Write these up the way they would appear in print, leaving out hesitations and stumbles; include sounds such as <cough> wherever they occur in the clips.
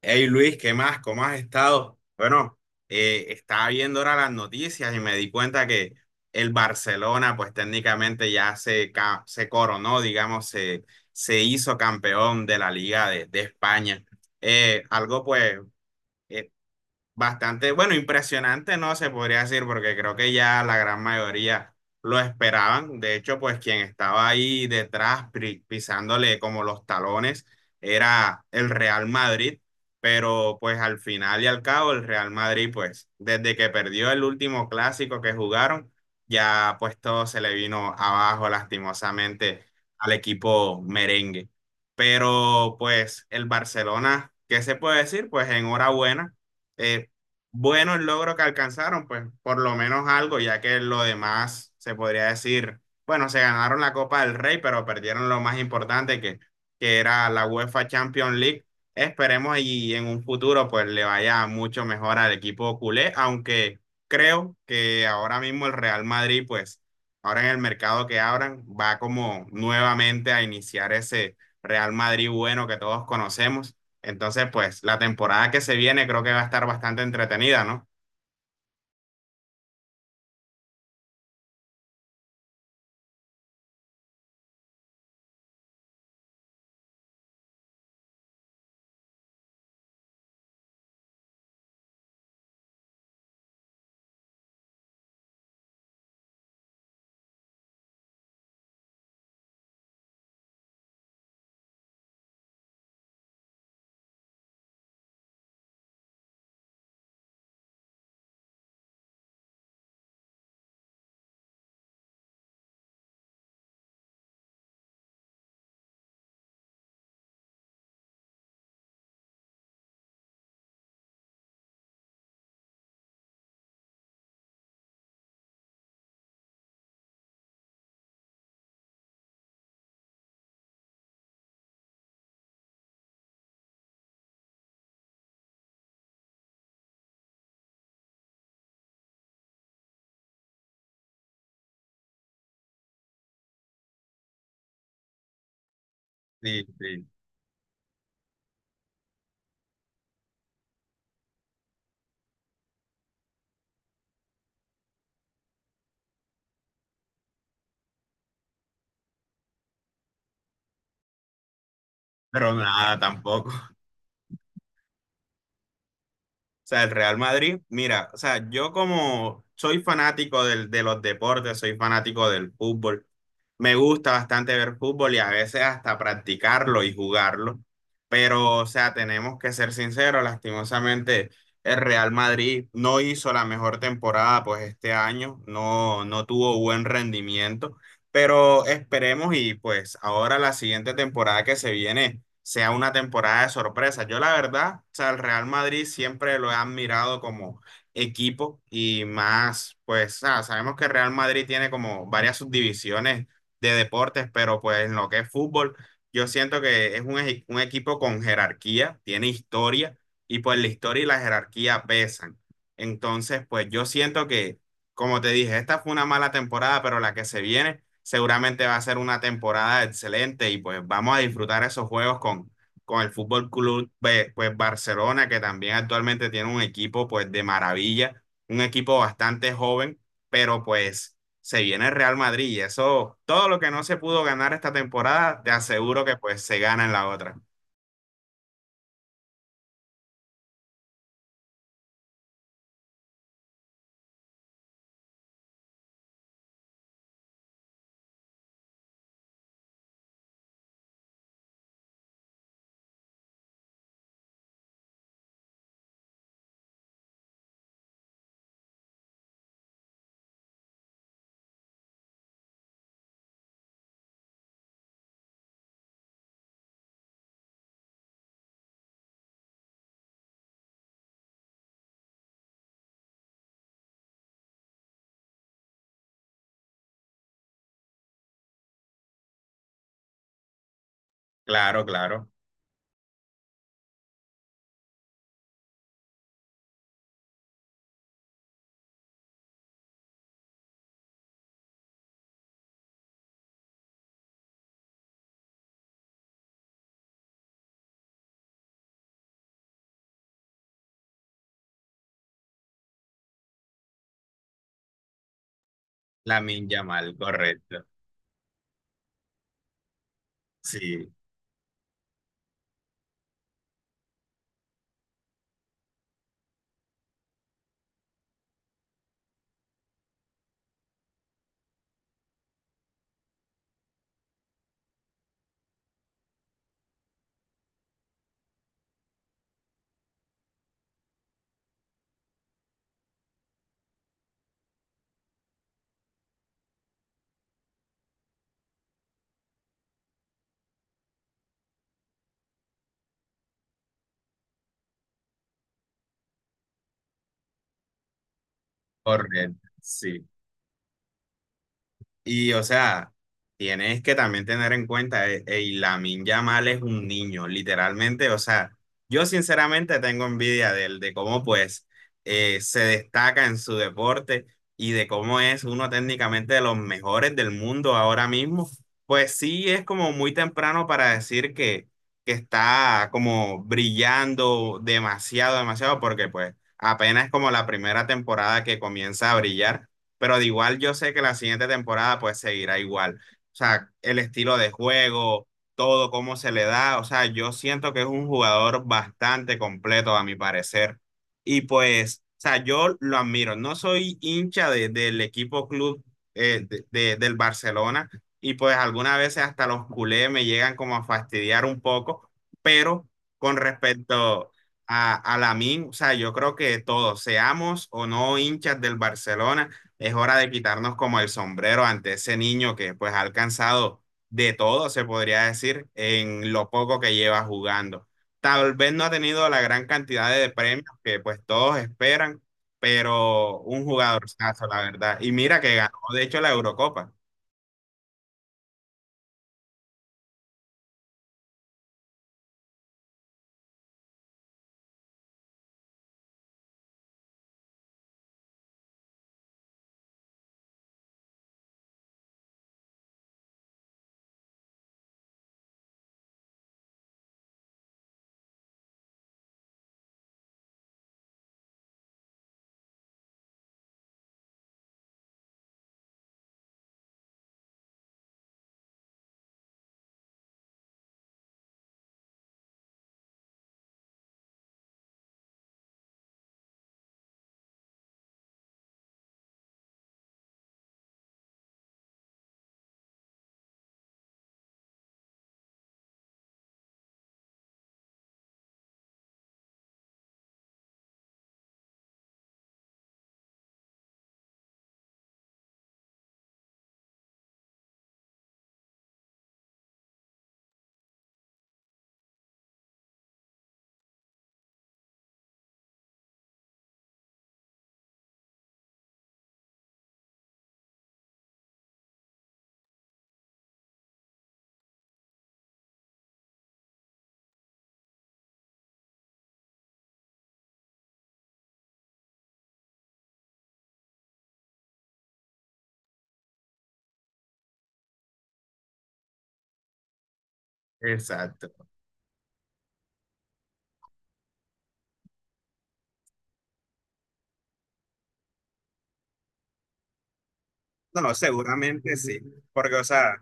Hey Luis, ¿qué más? ¿Cómo has estado? Bueno, estaba viendo ahora las noticias y me di cuenta que el Barcelona, pues técnicamente se coronó, digamos, se hizo campeón de la Liga de España. Eh, algo pues eh, Bastante, bueno, impresionante, no se podría decir, porque creo que ya la gran mayoría lo esperaban. De hecho, pues quien estaba ahí detrás pisándole como los talones era el Real Madrid, pero pues al final y al cabo el Real Madrid, pues desde que perdió el último clásico que jugaron, ya pues todo se le vino abajo lastimosamente al equipo merengue. Pero pues el Barcelona, ¿qué se puede decir? Pues enhorabuena eh, bueno el logro que alcanzaron, pues por lo menos algo, ya que lo demás se podría decir, bueno, se ganaron la Copa del Rey, pero perdieron lo más importante que era la UEFA Champions League. Esperemos y en un futuro pues le vaya mucho mejor al equipo culé, aunque creo que ahora mismo el Real Madrid pues ahora en el mercado que abran va como nuevamente a iniciar ese Real Madrid, bueno, que todos conocemos. Entonces, pues la temporada que se viene creo que va a estar bastante entretenida, ¿no? Sí, sí. Pero nada, tampoco. <laughs> O sea, el Real Madrid, mira, o sea, yo como soy fanático de los deportes, soy fanático del fútbol. Me gusta bastante ver fútbol y a veces hasta practicarlo y jugarlo, pero o sea, tenemos que ser sinceros, lastimosamente el Real Madrid no hizo la mejor temporada pues este año, no, no tuvo buen rendimiento, pero esperemos y pues ahora la siguiente temporada que se viene sea una temporada de sorpresa. Yo la verdad, o sea, el Real Madrid siempre lo he admirado como equipo y más, pues ah, sabemos que el Real Madrid tiene como varias subdivisiones de deportes, pero pues en lo que es fútbol, yo siento que es un, un equipo con jerarquía, tiene historia, y pues la historia y la jerarquía pesan. Entonces, pues yo siento que, como te dije, esta fue una mala temporada, pero la que se viene seguramente va a ser una temporada excelente y pues vamos a disfrutar esos juegos con el Fútbol Club pues, Barcelona, que también actualmente tiene un equipo pues de maravilla, un equipo bastante joven, pero pues se viene el Real Madrid y eso, todo lo que no se pudo ganar esta temporada, te aseguro que pues se gana en la otra. Claro, claro. Lamine Yamal, correcto. Sí, correcto. Sí. Y o sea, tienes que también tener en cuenta, ey, Lamine Yamal es un niño, literalmente. O sea, yo sinceramente tengo envidia de él, de cómo pues se destaca en su deporte y de cómo es uno técnicamente de los mejores del mundo ahora mismo. Pues sí, es como muy temprano para decir que está como brillando demasiado, demasiado, porque pues apenas como la primera temporada que comienza a brillar, pero de igual yo sé que la siguiente temporada pues seguirá igual. O sea, el estilo de juego, todo cómo se le da, o sea, yo siento que es un jugador bastante completo a mi parecer. Y pues, o sea, yo lo admiro. No soy hincha del equipo club del Barcelona y pues algunas veces hasta los culés me llegan como a fastidiar un poco, pero con respecto a Lamine, o sea, yo creo que todos, seamos o no hinchas del Barcelona, es hora de quitarnos como el sombrero ante ese niño que pues ha alcanzado de todo, se podría decir, en lo poco que lleva jugando. Tal vez no ha tenido la gran cantidad de premios que pues todos esperan, pero un jugador la verdad. Y mira que ganó, de hecho, la Eurocopa. Exacto. No, seguramente sí, porque, o sea,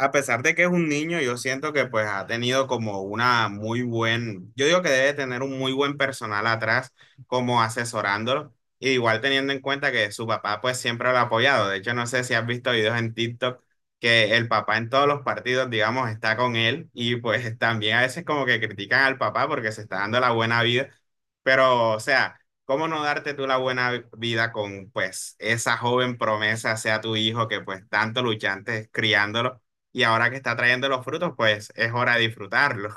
a pesar de que es un niño, yo siento que pues ha tenido como una muy buen, yo digo que debe tener un muy buen personal atrás como asesorándolo, y igual teniendo en cuenta que su papá pues siempre lo ha apoyado. De hecho, no sé si has visto videos en TikTok que el papá en todos los partidos, digamos, está con él y pues también a veces como que critican al papá porque se está dando la buena vida, pero o sea, ¿cómo no darte tú la buena vida con pues esa joven promesa, sea tu hijo que pues tanto luchaste criándolo? Y ahora que está trayendo los frutos, pues es hora de disfrutarlos.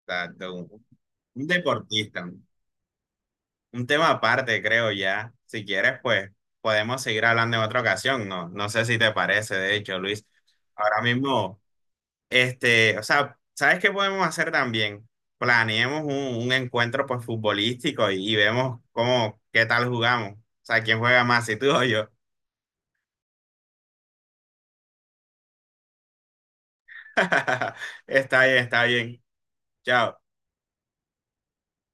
Exacto, un deportista, un tema aparte, creo ya. Si quieres, pues podemos seguir hablando en otra ocasión, ¿no? No sé si te parece, de hecho, Luis. Ahora mismo, este, o sea, ¿sabes qué podemos hacer también? Planeemos un encuentro pues futbolístico y vemos cómo, qué tal jugamos. O sea, quién juega más, si tú o yo. <laughs> Está bien, está bien. Chao.